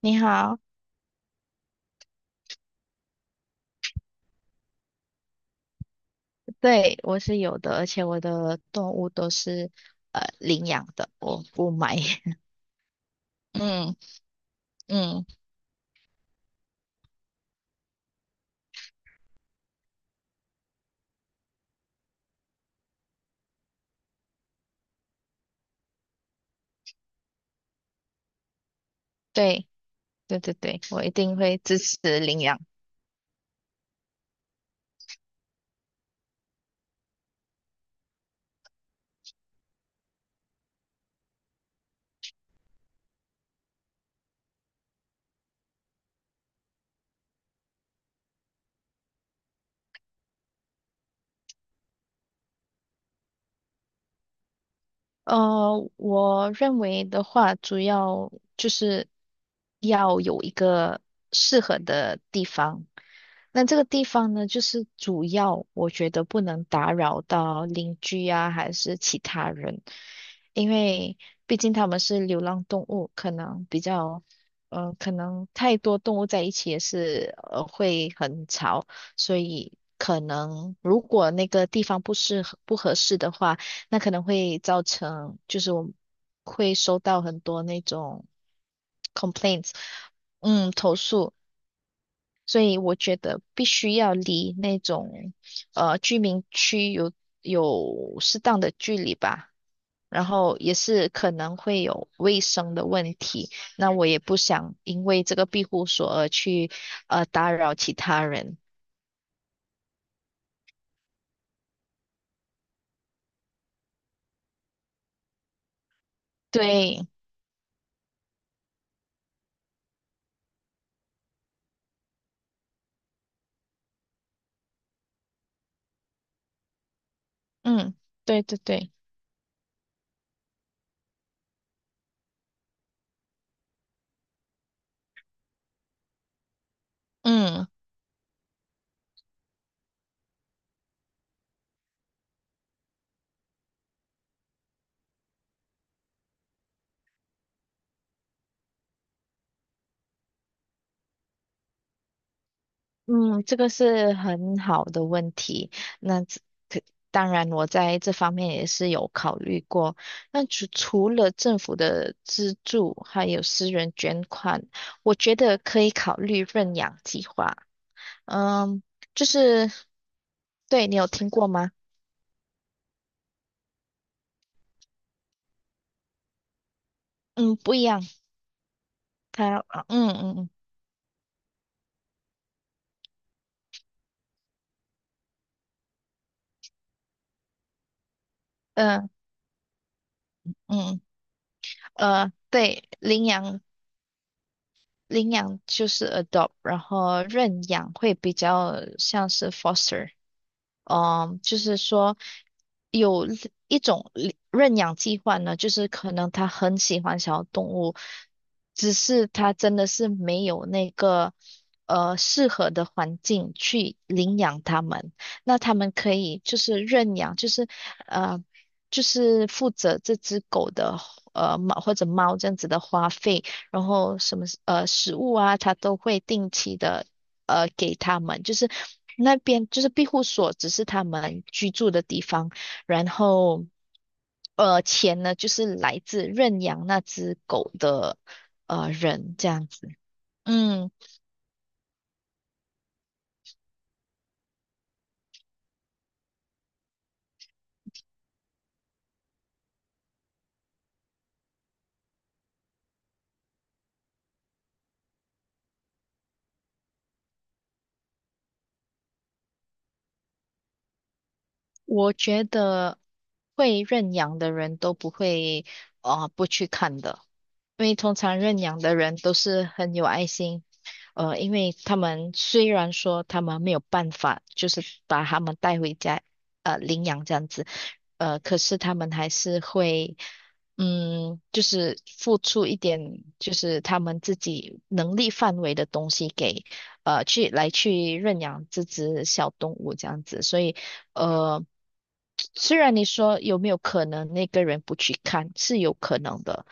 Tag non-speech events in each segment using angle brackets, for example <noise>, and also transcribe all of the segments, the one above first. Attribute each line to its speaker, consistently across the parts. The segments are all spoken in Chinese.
Speaker 1: 你好，对，我是有的，而且我的动物都是领养的，我不买。<laughs> 嗯嗯，对对对对，我一定会支持领养。我认为的话，主要就是要有一个适合的地方。那这个地方呢，就是主要我觉得不能打扰到邻居啊，还是其他人，因为毕竟他们是流浪动物，可能比较，可能太多动物在一起也是会很吵，所以可能如果那个地方不合适的话。那可能会造成，就是我会收到很多那种 complaints，嗯，投诉，所以我觉得必须要离那种居民区有适当的距离吧。然后也是可能会有卫生的问题，那我也不想因为这个庇护所而去打扰其他人。对，嗯，对对对，嗯。嗯，这个是很好的问题。那这可当然，我在这方面也是有考虑过。那除了政府的资助，还有私人捐款，我觉得可以考虑认养计划。嗯，就是，对，你有听过吗？嗯，不一样。它，嗯，呃，嗯对，领养。领养就是 adopt，然后认养会比较像是 foster。嗯，就是说。有。一种领认养计划呢，就是可能他很喜欢小动物，只是他真的是没有那个适合的环境去领养它们。那他们可以就是认养，就是呃就是负责这只狗的呃猫或者猫这样子的花费，然后什么食物啊，他都会定期的给他们，就是。那边就是庇护所，只是他们居住的地方。然后钱呢就是来自认养那只狗的人这样子。嗯，我觉得会认养的人都不会不去看的。因为通常认养的人都是很有爱心，呃，因为他们虽然说他们没有办法，就是把他们带回家，呃，领养这样子，呃，可是他们还是会，嗯，就是付出一点，就是他们自己能力范围的东西给，呃，去来去认养这只小动物这样子，所以，呃。虽然你说有没有可能那个人不去看，是有可能的，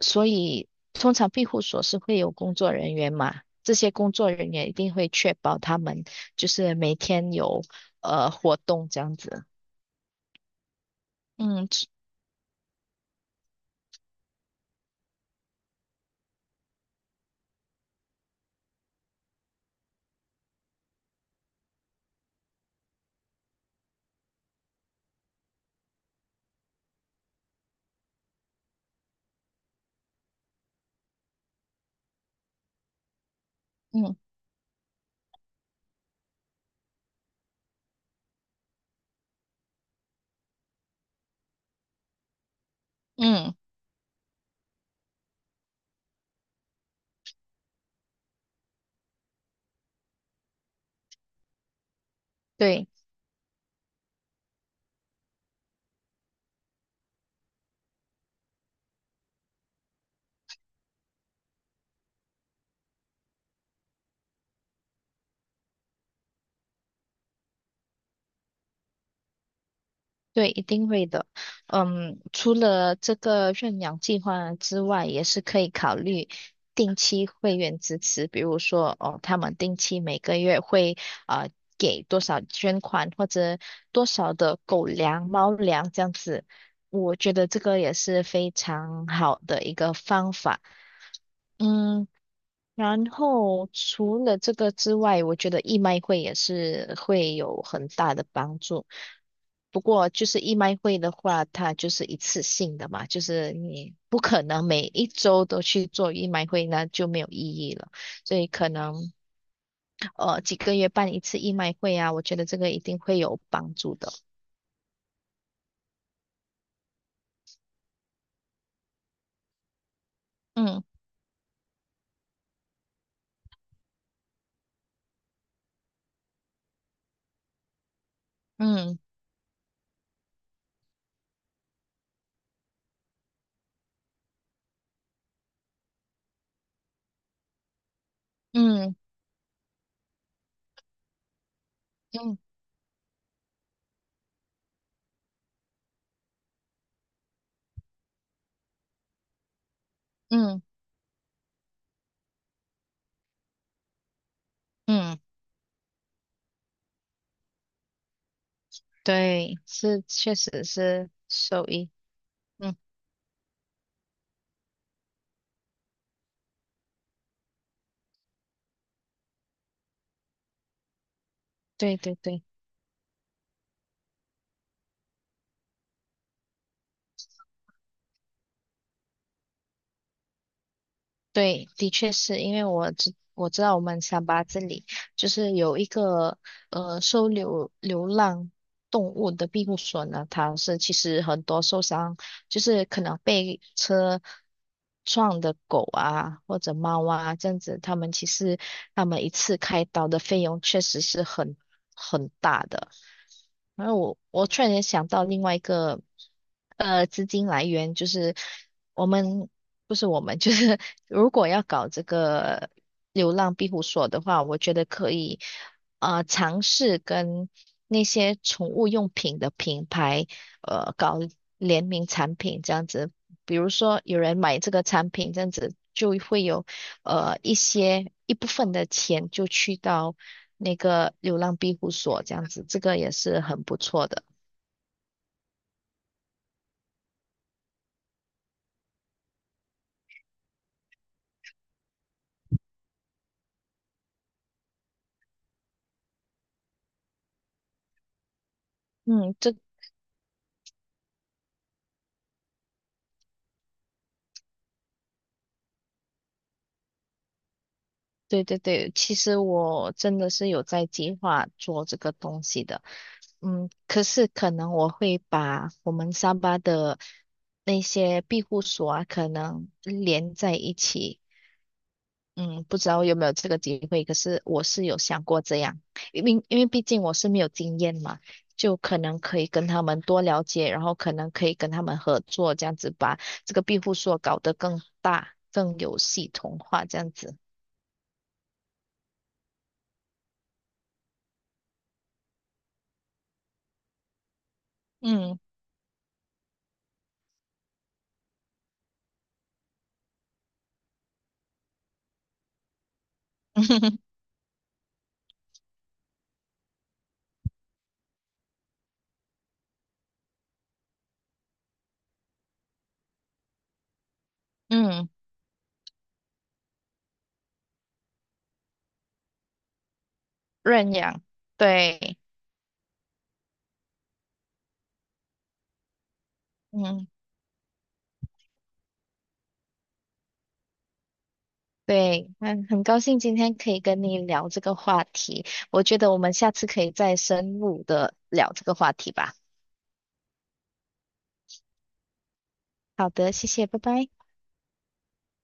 Speaker 1: 所以通常庇护所是会有工作人员嘛，这些工作人员一定会确保他们就是每天有活动这样子。嗯嗯嗯，对。对，一定会的。嗯，除了这个认养计划之外，也是可以考虑定期会员支持，比如说哦，他们定期每个月会呃给多少捐款或者多少的狗粮、猫粮这样子。我觉得这个也是非常好的一个方法。嗯，然后除了这个之外，我觉得义卖会也是会有很大的帮助。不过就是义卖会的话，它就是一次性的嘛，就是你不可能每一周都去做义卖会，那就没有意义了。所以可能几个月办一次义卖会啊，我觉得这个一定会有帮助的。嗯嗯嗯嗯嗯嗯，对，是确实是受益。嗯，对对对。对，的确是因为我知道我们三八这里就是有一个收留流浪动物的庇护所呢，它是其实很多受伤。就是可能被车撞的狗啊或者猫啊这样子，他们一次开刀的费用确实是很大的。然后我突然间想到另外一个资金来源，就是我们不是我们，就是 <laughs> 如果要搞这个流浪庇护所的话，我觉得可以尝试跟那些宠物用品的品牌。搞联名产品这样子，比如说有人买这个产品这样子，就会有一部分的钱就去到那个流浪庇护所这样子，这个也是很不错的。嗯，这对对对，其实我真的是有在计划做这个东西的。嗯，可是可能我会把我们三八的那些庇护所啊，可能连在一起，嗯，不知道有没有这个机会，可是我是有想过这样，因为毕竟我是没有经验嘛，就可能可以跟他们多了解，然后可能可以跟他们合作，这样子把这个庇护所搞得更大、更有系统化，这样子。嗯 <laughs> 嗯，认养，对，嗯对，嗯，很高兴今天可以跟你聊这个话题，我觉得我们下次可以再深入的聊这个话题吧。好的，谢谢，拜拜。